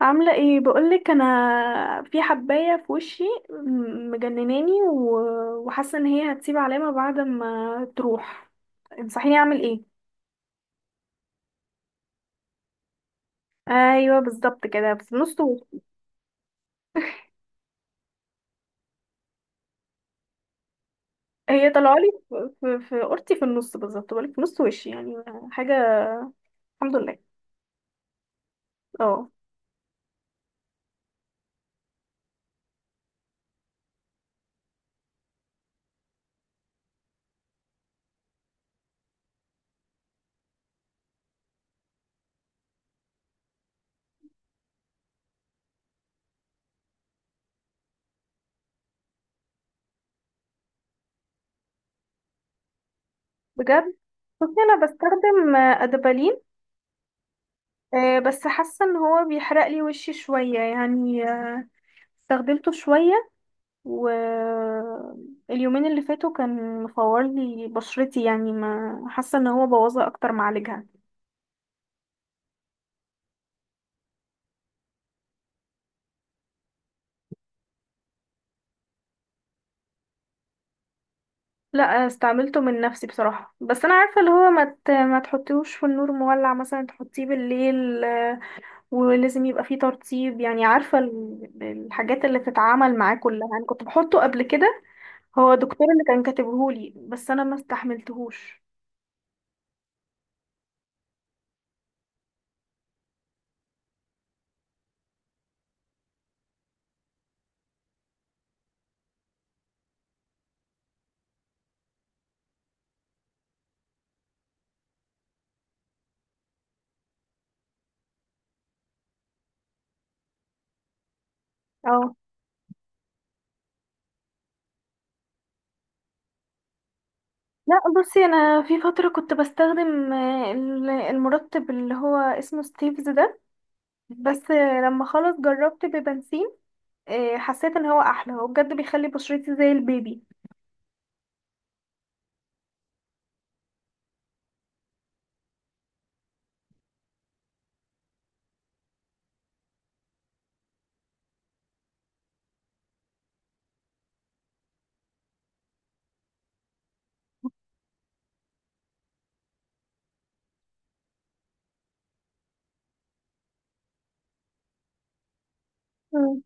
عاملة ايه؟ بقولك انا في حباية في وشي، مجنناني وحاسة ان هي هتسيب علامة بعد ما تروح. انصحيني اعمل ايه؟ ايوه بالظبط كده، في نص وشي. هي طلعالي في قرطي في النص بالظبط، بقولك في نص وشي يعني. حاجة. الحمد لله. اه، بجد. بصي، انا بستخدم ادبالين. بس حاسة ان هو بيحرق لي وشي شوية يعني. استخدمته شوية. واليومين اللي فاتوا كان مفور لي بشرتي، يعني ما حاسه ان هو بوظها اكتر ما عالجها. لا، استعملته من نفسي بصراحه، بس انا عارفه اللي هو ما تحطيهوش في النور مولع، مثلا تحطيه بالليل. ولازم يبقى فيه ترطيب، يعني عارفه الحاجات اللي بتتعامل معاه كلها يعني، كنت بحطه قبل كده. هو دكتور اللي كان كاتبهولي بس انا ما استحملتهوش. اه. لا بصي، انا في فتره كنت بستخدم المرطب اللي هو اسمه ستيفز ده، بس لما خلاص جربت ببنسين. حسيت ان هو احلى، هو بجد بيخلي بشرتي زي البيبي. مم.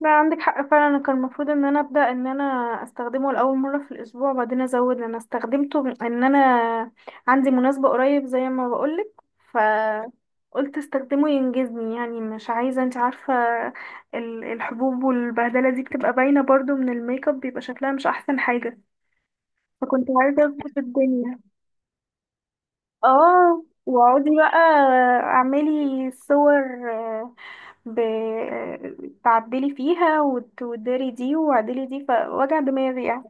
لا، عندك حق فعلا، أنا كان المفروض ان انا ابدا ان انا استخدمه لاول مره في الاسبوع، وبعدين ازود، انا استخدمته ان انا عندي مناسبه قريب زي ما بقولك. ف قلت استخدمه ينجزني، يعني مش عايزه، انت عارفه الحبوب والبهدله دي بتبقى باينه برضو من الميك اب، بيبقى شكلها مش احسن حاجه. فكنت عايزه اظبط الدنيا. اه، واقعدي بقى اعملي صور، تعدلي فيها وتداري دي وعدلي دي، فوجع دماغي يعني.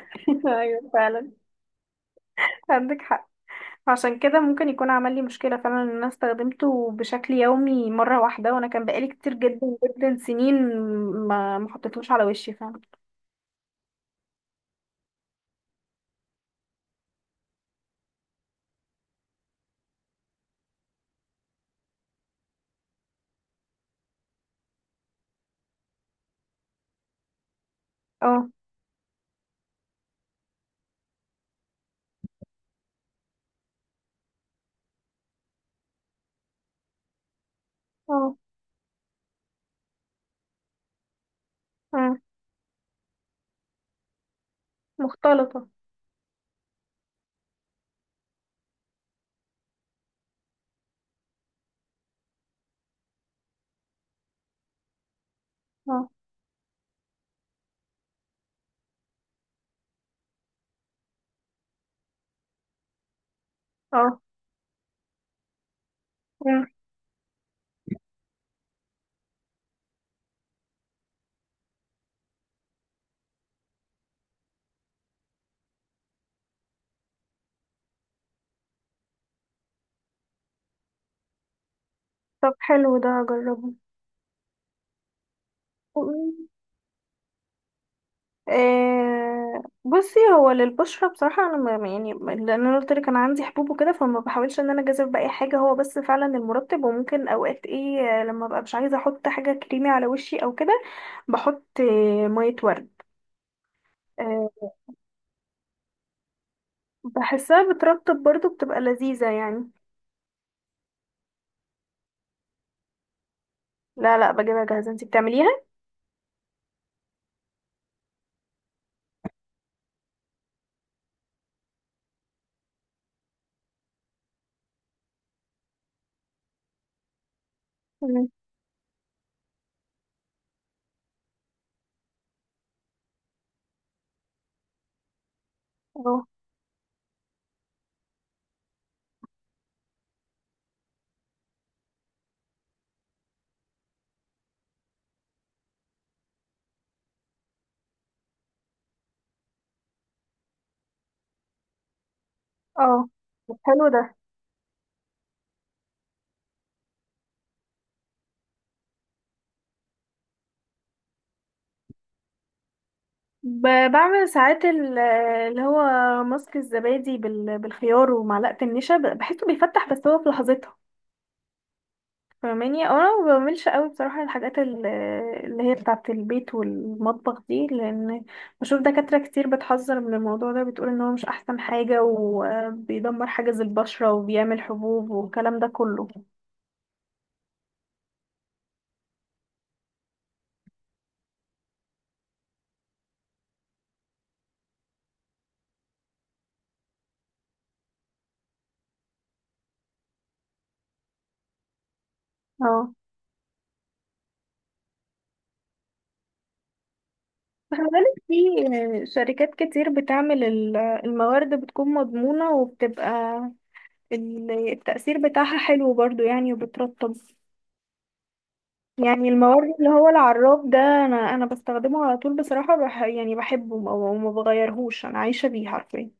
ايوه فعلا، عندك حق. عشان كده ممكن يكون عمل لي مشكلة فعلا ان انا استخدمته بشكل يومي مرة واحدة، وانا كان بقالي كتير جدا جدا سنين ما حطيتهوش على وشي فعلا. اه، اه، آه. مختلطة. اه، اه، مم. طب حلو ده، هجربه. بصي، هو للبشرة بصراحة، أنا يعني لأن أنا قلت لك أنا عندي حبوب وكده، فما بحاولش إن أنا أجازف بأي حاجة، هو بس فعلا المرطب. وممكن أوقات إيه، لما ببقى مش عايزة أحط حاجة كريمي على وشي أو كده بحط مية ورد. آه، بحسها بترطب برضو، بتبقى لذيذة يعني. لا لا، بجيبها جاهزة، انتي بتعمليها؟ مم. اه، اه. طب حلو ده. بعمل ساعات اللي هو ماسك الزبادي بالخيار ومعلقة النشا، بحسه بيفتح بس هو في لحظتها فاهماني، أو انا ما بعملش قوي بصراحه الحاجات اللي هي بتاعه البيت والمطبخ دي، لان بشوف دكاتره كتير بتحذر من الموضوع ده، بتقول ان هو مش احسن حاجه وبيدمر حاجز البشره وبيعمل حبوب والكلام ده كله. اه، خلي بالك، في شركات كتير بتعمل الموارد بتكون مضمونه، وبتبقى التأثير بتاعها حلو برضو يعني، وبترطب. يعني المورد اللي هو العراب ده، انا بستخدمه على طول بصراحة، يعني بحبه وما بغيرهوش، انا عايشة بيه حرفيا.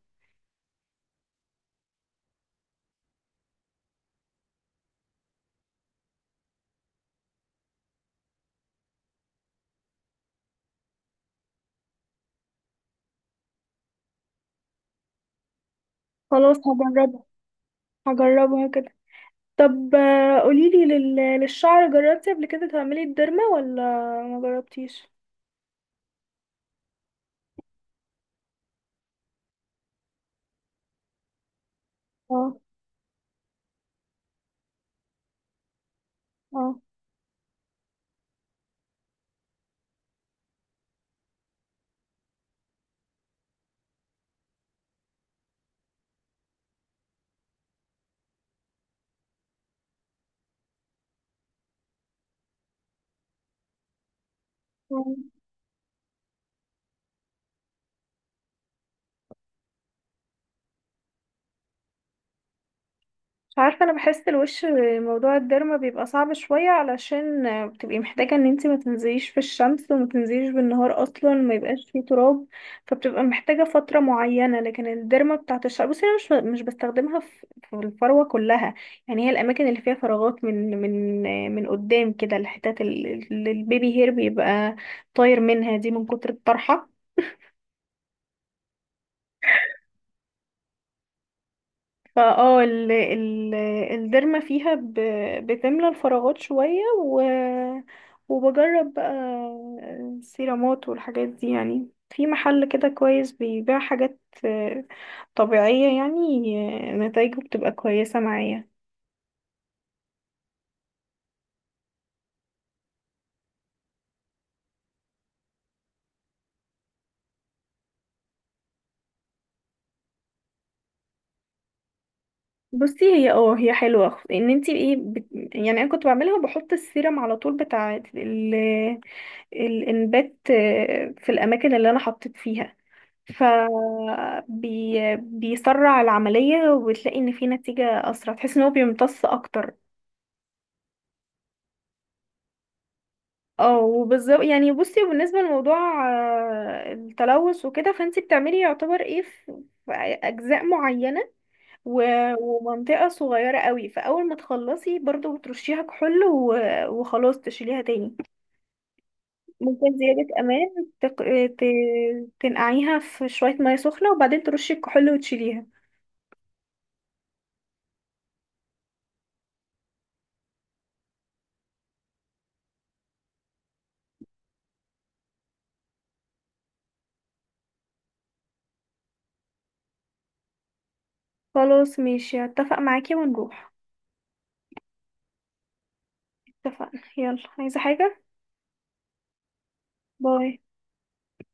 خلاص هجربه. هجربها كده. طب قوليلي للشعر، جربتي قبل كده تعملي الديرما ولا ما جربتيش؟ اه، اه. مش عارفة، انا بحس الوش، موضوع الديرما بيبقى صعب شوية علشان بتبقي محتاجة ان انتي ما تنزليش في الشمس وما تنزليش بالنهار اصلا، ما يبقاش فيه تراب، فبتبقى محتاجة فترة معينة. لكن الديرما بتاعت الشعر، بصي انا مش بستخدمها في الفروة كلها، يعني هي الاماكن اللي فيها فراغات، من قدام كده، الحتات اللي البيبي هير بيبقى طاير منها دي من كتر الطرحة. فاه ال ال الديرما فيها بتملى الفراغات شوية، و وبجرب بقى السيرامات والحاجات دي يعني، في محل كده كويس بيبيع حاجات آه، طبيعية يعني. نتايجه بتبقى كويسة معايا. بصي هي، اه هي حلوة، ان انتي ايه يعني انا كنت بعملها وبحط السيرم على طول بتاع ال- الانبات، في الاماكن اللي انا حطيت فيها. ف بيسرع العملية، وبتلاقي ان في نتيجة اسرع، تحس ان هو بيمتص اكتر. اه، وبالظبط يعني، بصي وبالنسبة لموضوع التلوث وكده، فانتي بتعملي يعتبر ايه في اجزاء معينة ومنطقة صغيرة قوي، فاول ما تخلصي برضو بترشيها كحول وخلاص تشيليها تاني. ممكن زيادة امان، تق... ت... تنقعيها في شوية مية سخنة وبعدين ترشي الكحول وتشيليها. خلاص ماشي، هتفق معاكي ونروح. اتفقنا، يلا عايزة حاجة؟ باي.